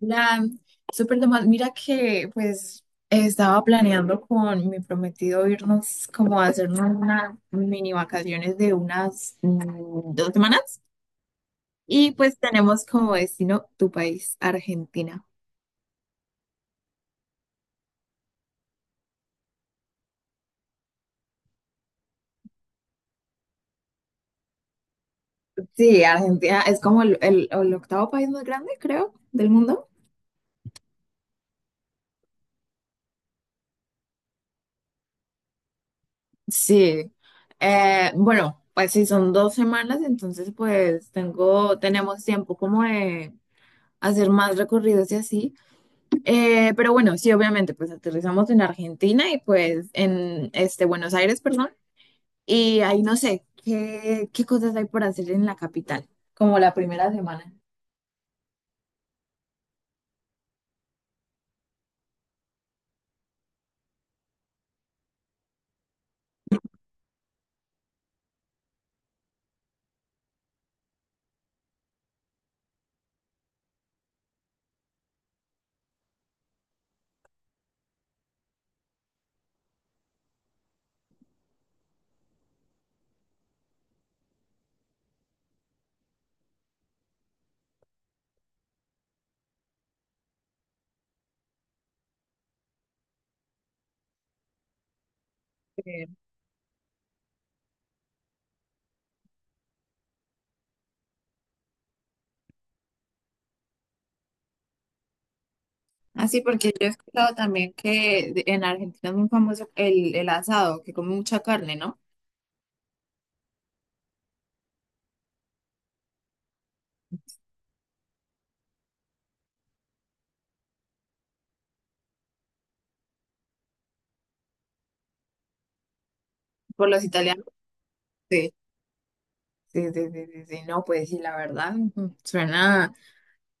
La súper normal mira que pues estaba planeando con mi prometido irnos como a hacernos unas mini vacaciones de unas dos semanas y pues tenemos como destino tu país, Argentina. Sí, Argentina es como el octavo país más grande, creo, del mundo. Sí, bueno, pues si son dos semanas, entonces pues tenemos tiempo como de hacer más recorridos y así. Pero bueno, sí, obviamente, pues aterrizamos en Argentina y pues en este Buenos Aires, perdón, y ahí no sé qué cosas hay por hacer en la capital, como la primera semana. Eh, Así, porque yo he escuchado también que en Argentina es muy famoso el asado, que come mucha carne, ¿no? Por los italianos. Sí, sí, sí, sí, sí, no, pues sí, la verdad, ujú, suena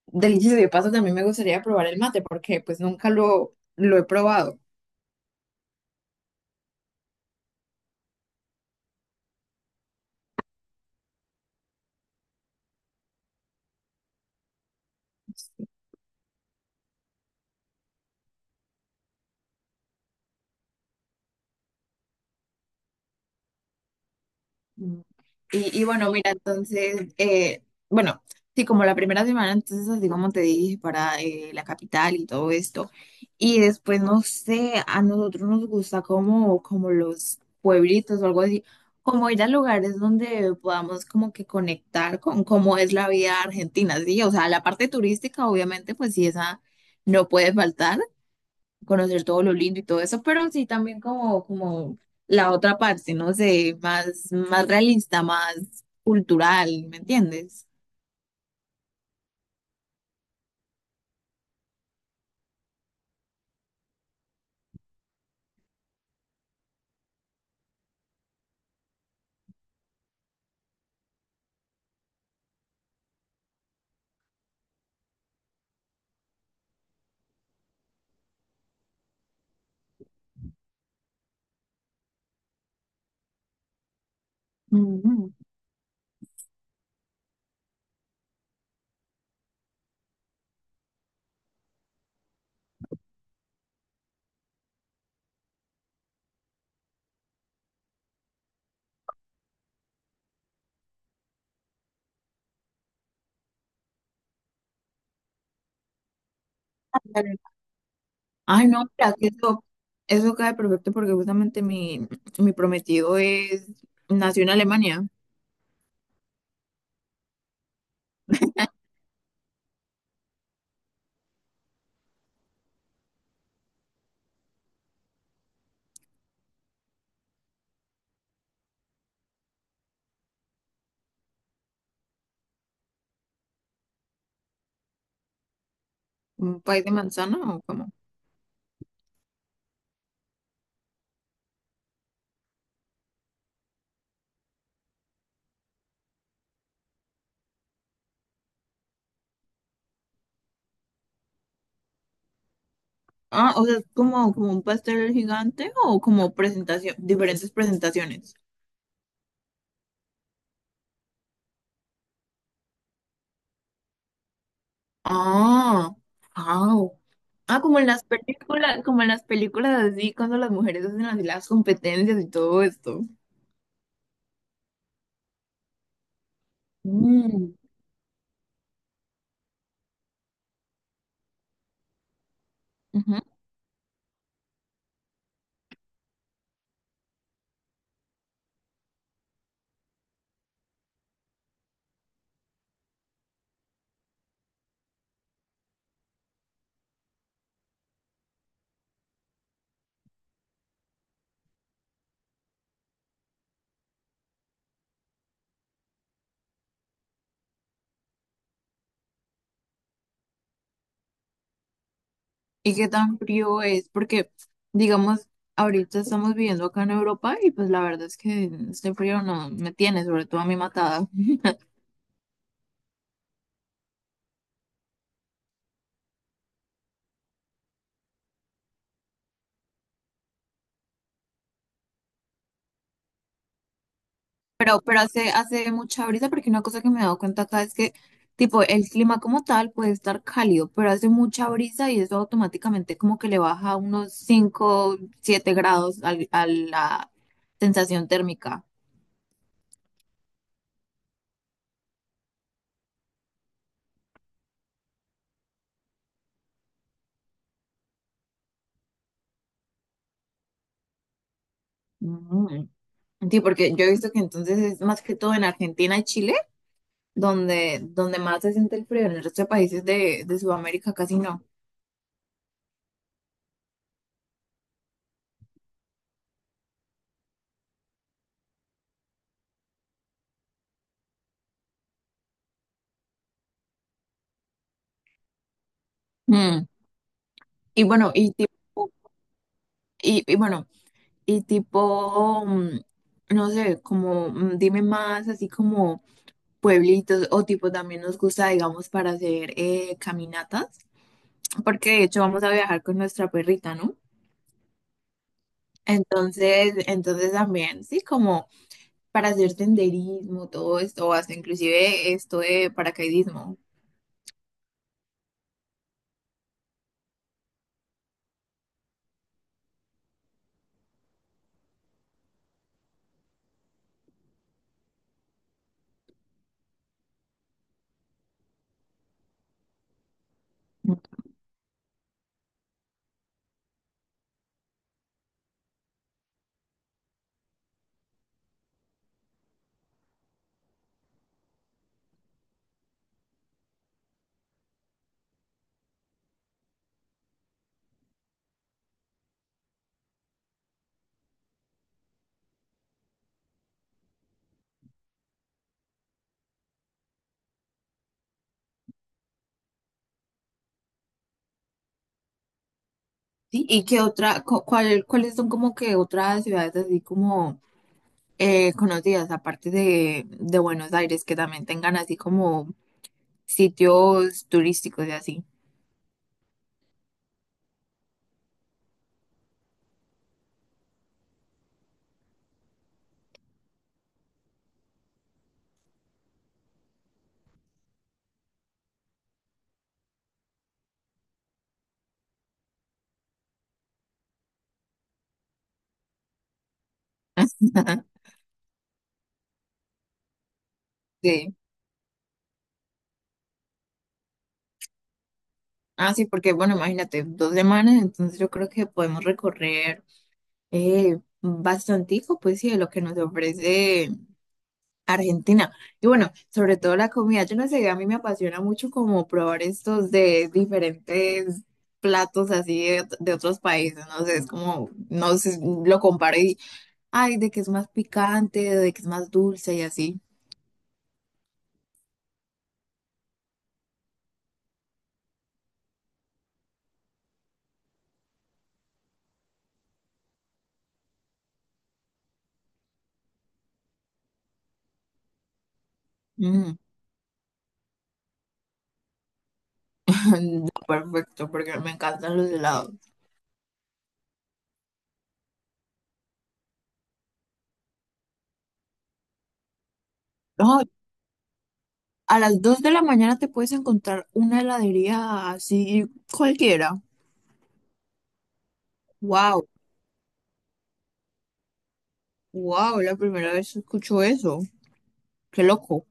delicioso. De paso, también me gustaría probar el mate porque pues nunca lo he probado. Mm. Y bueno, mira, entonces, bueno, sí, como la primera semana, entonces, así como te dije, para la capital y todo esto. Y después, no sé, a nosotros nos gusta como los pueblitos o algo así, como ir a lugares donde podamos como que conectar con cómo es la vida argentina, ¿sí? O sea, la parte turística, obviamente, pues sí, esa no puede faltar conocer todo lo lindo y todo eso, pero sí también como, como la otra parte, no sé, más realista, más cultural, ¿me entiendes? Ujú. Claro. Ay, no, mira, que eso cae perfecto porque justamente mi prometido es, nació en Alemania, un país de manzana o como, ah, o sea, es como, como un pastel gigante o como presentación, diferentes presentaciones. Ah, ah, ah, como en las películas, como en las películas así, cuando las mujeres hacen así las competencias y todo esto. Mm, ujú. ¿Y qué tan frío es? Porque, digamos, ahorita estamos viviendo acá en Europa y pues la verdad es que este frío no me tiene, sobre todo a mí matada. Pero hace mucha brisa, porque una cosa que me he dado cuenta acá es que, tipo, el clima como tal puede estar cálido, pero hace mucha brisa y eso automáticamente como que le baja unos 5 7 grados a la sensación térmica. Mm. Sí, porque yo he visto que entonces es más que todo en Argentina y Chile, donde más se siente el frío, en el resto de países de Sudamérica casi no. Mm. Y bueno, y tipo, y bueno, y tipo, no sé, como dime más, así como pueblitos o tipo también nos gusta, digamos, para hacer caminatas, porque de hecho vamos a viajar con nuestra perrita, ¿no? Entonces también, sí, como para hacer senderismo, todo esto, o hasta inclusive esto de paracaidismo. Sí, ¿y qué otra, cuáles son como que otras ciudades así como conocidas, aparte de Buenos Aires, que también tengan así como sitios turísticos y así? Sí. Ah, sí, porque bueno, imagínate, dos semanas, entonces yo creo que podemos recorrer bastantico, pues sí, de lo que nos ofrece Argentina. Y bueno, sobre todo la comida, yo no sé, a mí me apasiona mucho como probar estos de diferentes platos así de otros países, no sé, es como, no sé, lo comparo y, ay, de que es más picante, de que es más dulce y así. Mm. No, perfecto, porque me encantan los helados. No, a las 2 de la mañana te puedes encontrar una heladería así cualquiera. Wow, wow, la primera vez que escucho eso. Qué loco.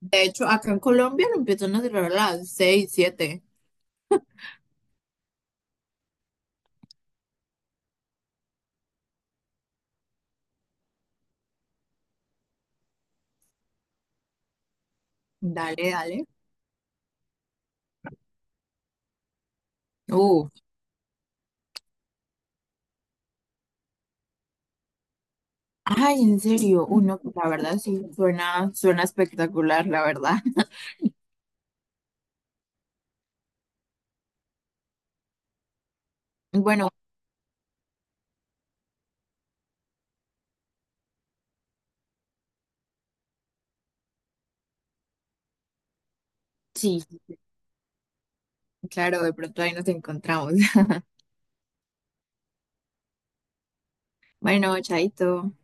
De hecho, acá en Colombia lo empiezan a cerrar a las 6, 7. Dale, dale. Uh, ay, en serio. Uno, la verdad sí, suena espectacular, la verdad. Bueno, sí, claro, de pronto ahí nos encontramos. Bueno, chaito.